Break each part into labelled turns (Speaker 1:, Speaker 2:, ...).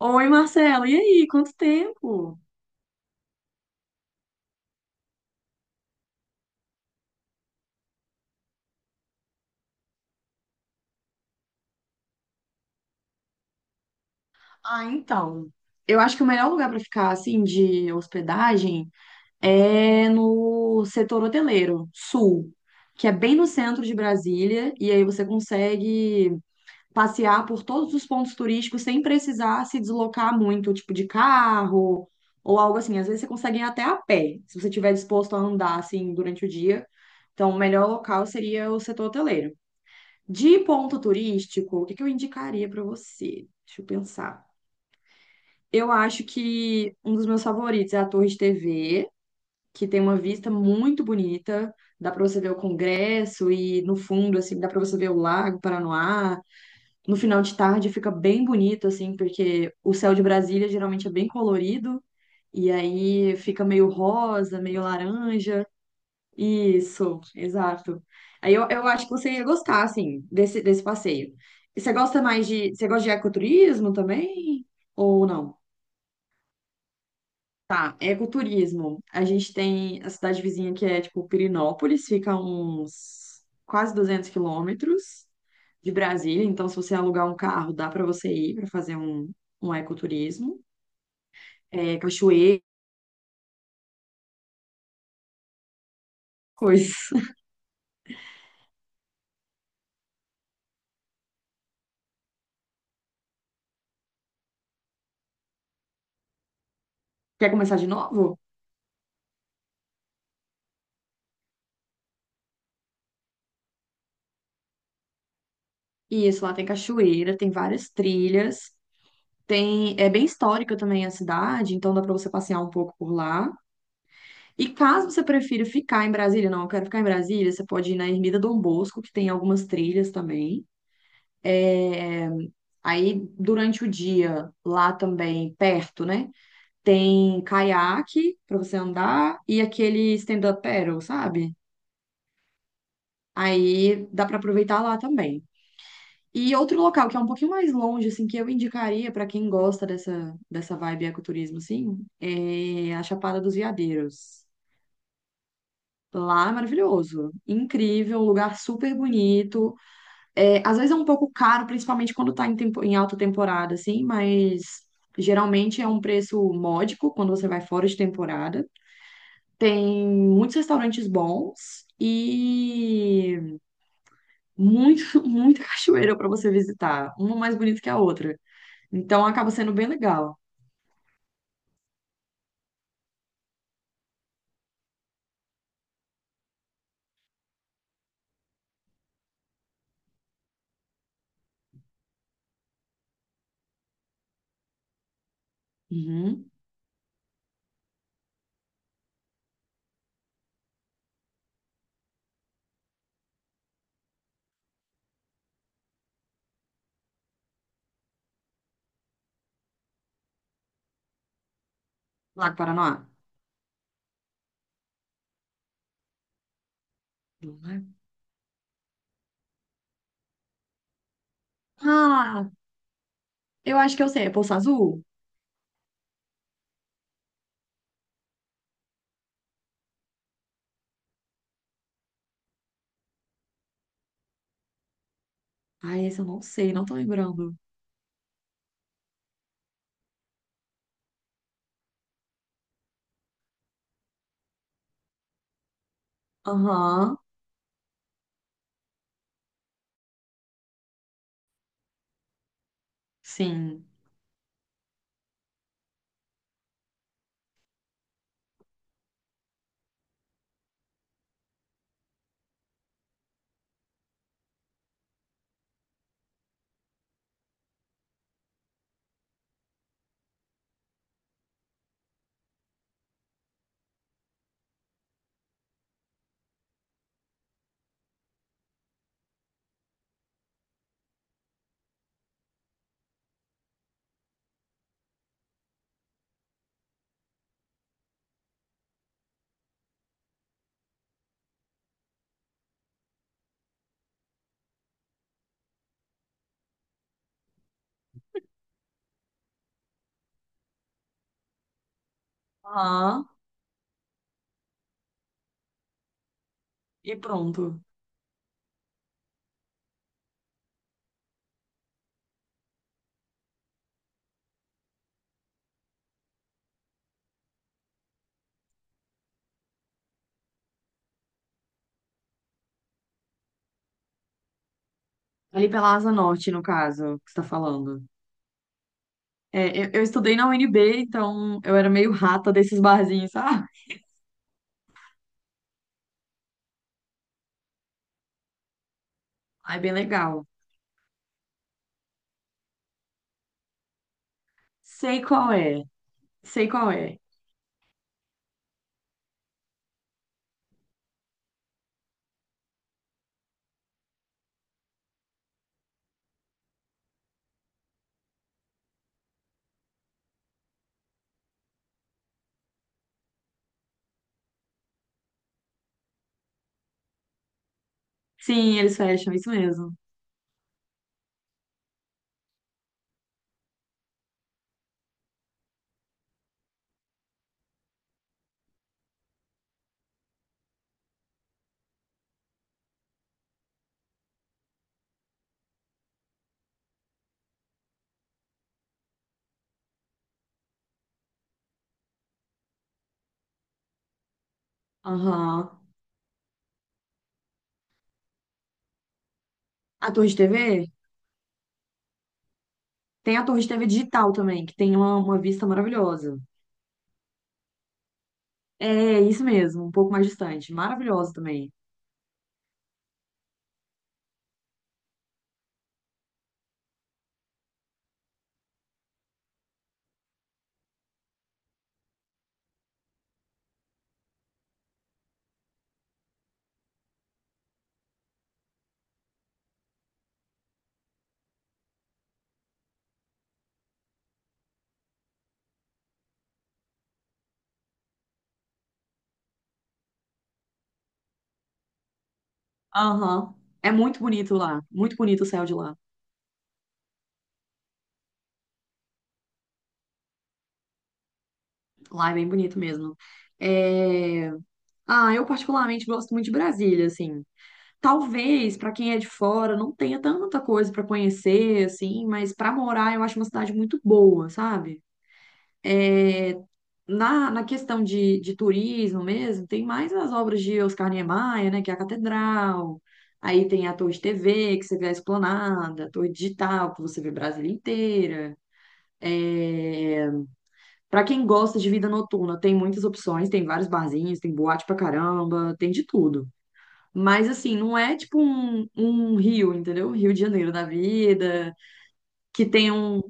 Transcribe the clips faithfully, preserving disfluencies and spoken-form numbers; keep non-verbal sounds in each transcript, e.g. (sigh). Speaker 1: Oi, Marcelo, e aí? Quanto tempo? Ah, então, eu acho que o melhor lugar para ficar assim de hospedagem é no setor hoteleiro sul, que é bem no centro de Brasília, e aí você consegue passear por todos os pontos turísticos sem precisar se deslocar muito, tipo de carro ou algo assim. Às vezes você consegue ir até a pé, se você estiver disposto a andar assim durante o dia. Então, o melhor local seria o setor hoteleiro. De ponto turístico, o que que eu indicaria para você? Deixa eu pensar. Eu acho que um dos meus favoritos é a Torre de T V, que tem uma vista muito bonita. Dá para você ver o Congresso e no fundo, assim, dá para você ver o Lago Paranoá. No final de tarde fica bem bonito, assim, porque o céu de Brasília geralmente é bem colorido e aí fica meio rosa, meio laranja. Isso, exato. Aí eu, eu acho que você ia gostar, assim, desse, desse passeio. E você gosta mais de. Você gosta de ecoturismo também? Ou não? Tá, ecoturismo. A gente tem a cidade vizinha que é, tipo, Pirinópolis, fica a uns quase duzentos quilômetros de Brasília. Então, se você alugar um carro, dá para você ir para fazer um, um ecoturismo. É, cachoeira, coisas. (laughs) Quer começar de novo? Isso, lá tem cachoeira, tem várias trilhas. Tem, é bem histórica também a cidade, então dá para você passear um pouco por lá. E caso você prefira ficar em Brasília, não, eu quero ficar em Brasília, você pode ir na Ermida Dom Bosco, que tem algumas trilhas também. É, aí, durante o dia, lá também, perto, né? Tem caiaque para você andar e aquele stand-up paddle, sabe? Aí dá para aproveitar lá também. E outro local que é um pouquinho mais longe, assim, que eu indicaria para quem gosta dessa, dessa vibe ecoturismo, assim, é a Chapada dos Veadeiros. Lá é maravilhoso, incrível, um lugar super bonito. É, às vezes é um pouco caro, principalmente quando tá em, tempo- em alta temporada, assim, mas geralmente é um preço módico quando você vai fora de temporada. Tem muitos restaurantes bons e muito, (laughs) muita cachoeira para você visitar, uma mais bonita que a outra. Então acaba sendo bem legal. Uhum. Lago Paranoá. Ah, eu acho que eu sei. É Poço Azul? Ah, esse eu não sei, não tô lembrando. Aham, sim. Aham, e pronto. Ali pela Asa Norte, no caso, que você tá falando. É, eu, eu estudei na U N B, então eu era meio rata desses barzinhos, sabe? Ai, bem legal. Sei qual é, sei qual é. Sim, eles fecham, isso mesmo. Aham. A Torre de T V? Tem a Torre de T V digital também, que tem uma, uma vista maravilhosa. É, isso mesmo, um pouco mais distante. Maravilhoso também. Aham. É muito bonito lá. Muito bonito o céu de lá. Lá é bem bonito mesmo. É. Ah, eu particularmente gosto muito de Brasília, assim. Talvez pra quem é de fora não tenha tanta coisa pra conhecer, assim, mas pra morar eu acho uma cidade muito boa, sabe? É, Na, na questão de, de turismo mesmo, tem mais as obras de Oscar Niemeyer, né, que é a Catedral, aí tem a Torre de T V, que você vê a Esplanada, a Torre Digital, que você vê Brasília inteira. É. Para quem gosta de vida noturna, tem muitas opções, tem vários barzinhos, tem boate pra caramba, tem de tudo. Mas, assim, não é tipo um, um Rio, entendeu? Rio de Janeiro da vida, que tem um.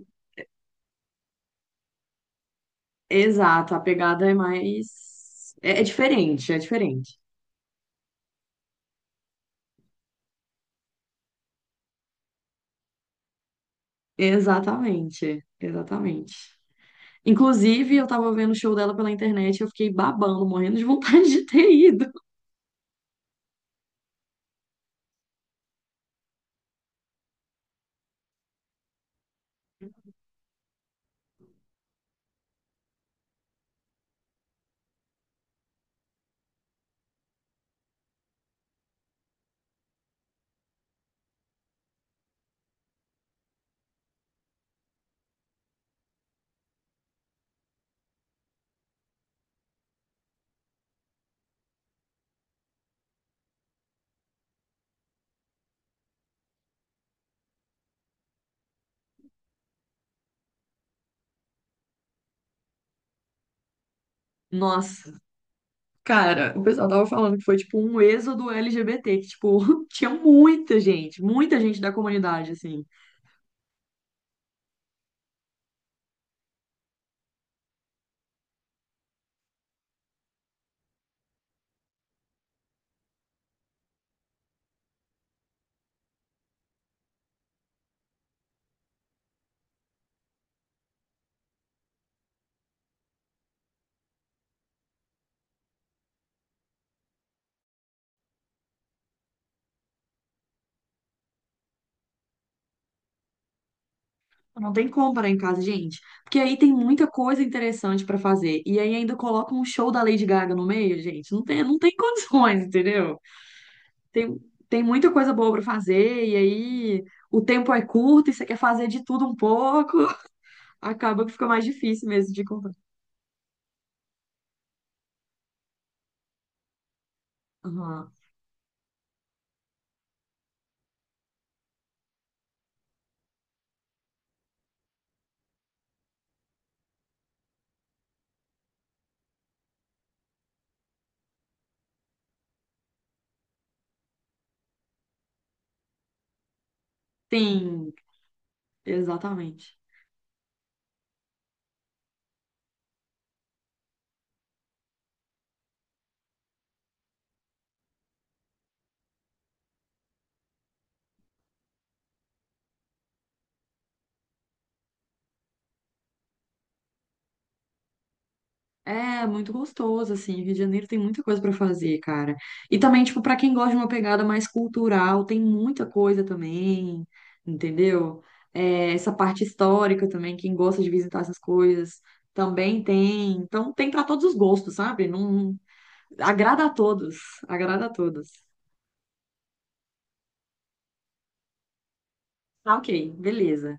Speaker 1: Exato, a pegada é mais. É, é diferente, é diferente. Exatamente, exatamente. Inclusive, eu tava vendo o show dela pela internet e eu fiquei babando, morrendo de vontade (laughs) de ter ido. Nossa, cara, o pessoal tava falando que foi tipo um êxodo L G B T, que tipo, (laughs) tinha muita gente, muita gente da comunidade, assim. Não tem como parar em casa, gente, porque aí tem muita coisa interessante pra fazer. E aí ainda coloca um show da Lady Gaga no meio, gente, não tem, não tem (laughs) condições, entendeu? tem, tem muita coisa boa para fazer, e aí o tempo é curto e você quer fazer de tudo um pouco, (laughs) acaba que fica mais difícil mesmo de encontrar. Aham. Sim, exatamente. É muito gostoso, assim. Rio de Janeiro tem muita coisa para fazer, cara. E também, tipo, para quem gosta de uma pegada mais cultural, tem muita coisa também, entendeu? É, essa parte histórica também, quem gosta de visitar essas coisas, também tem. Então, tem para todos os gostos, sabe? Não, agrada a todos, agrada a todos. Ah, ok, beleza.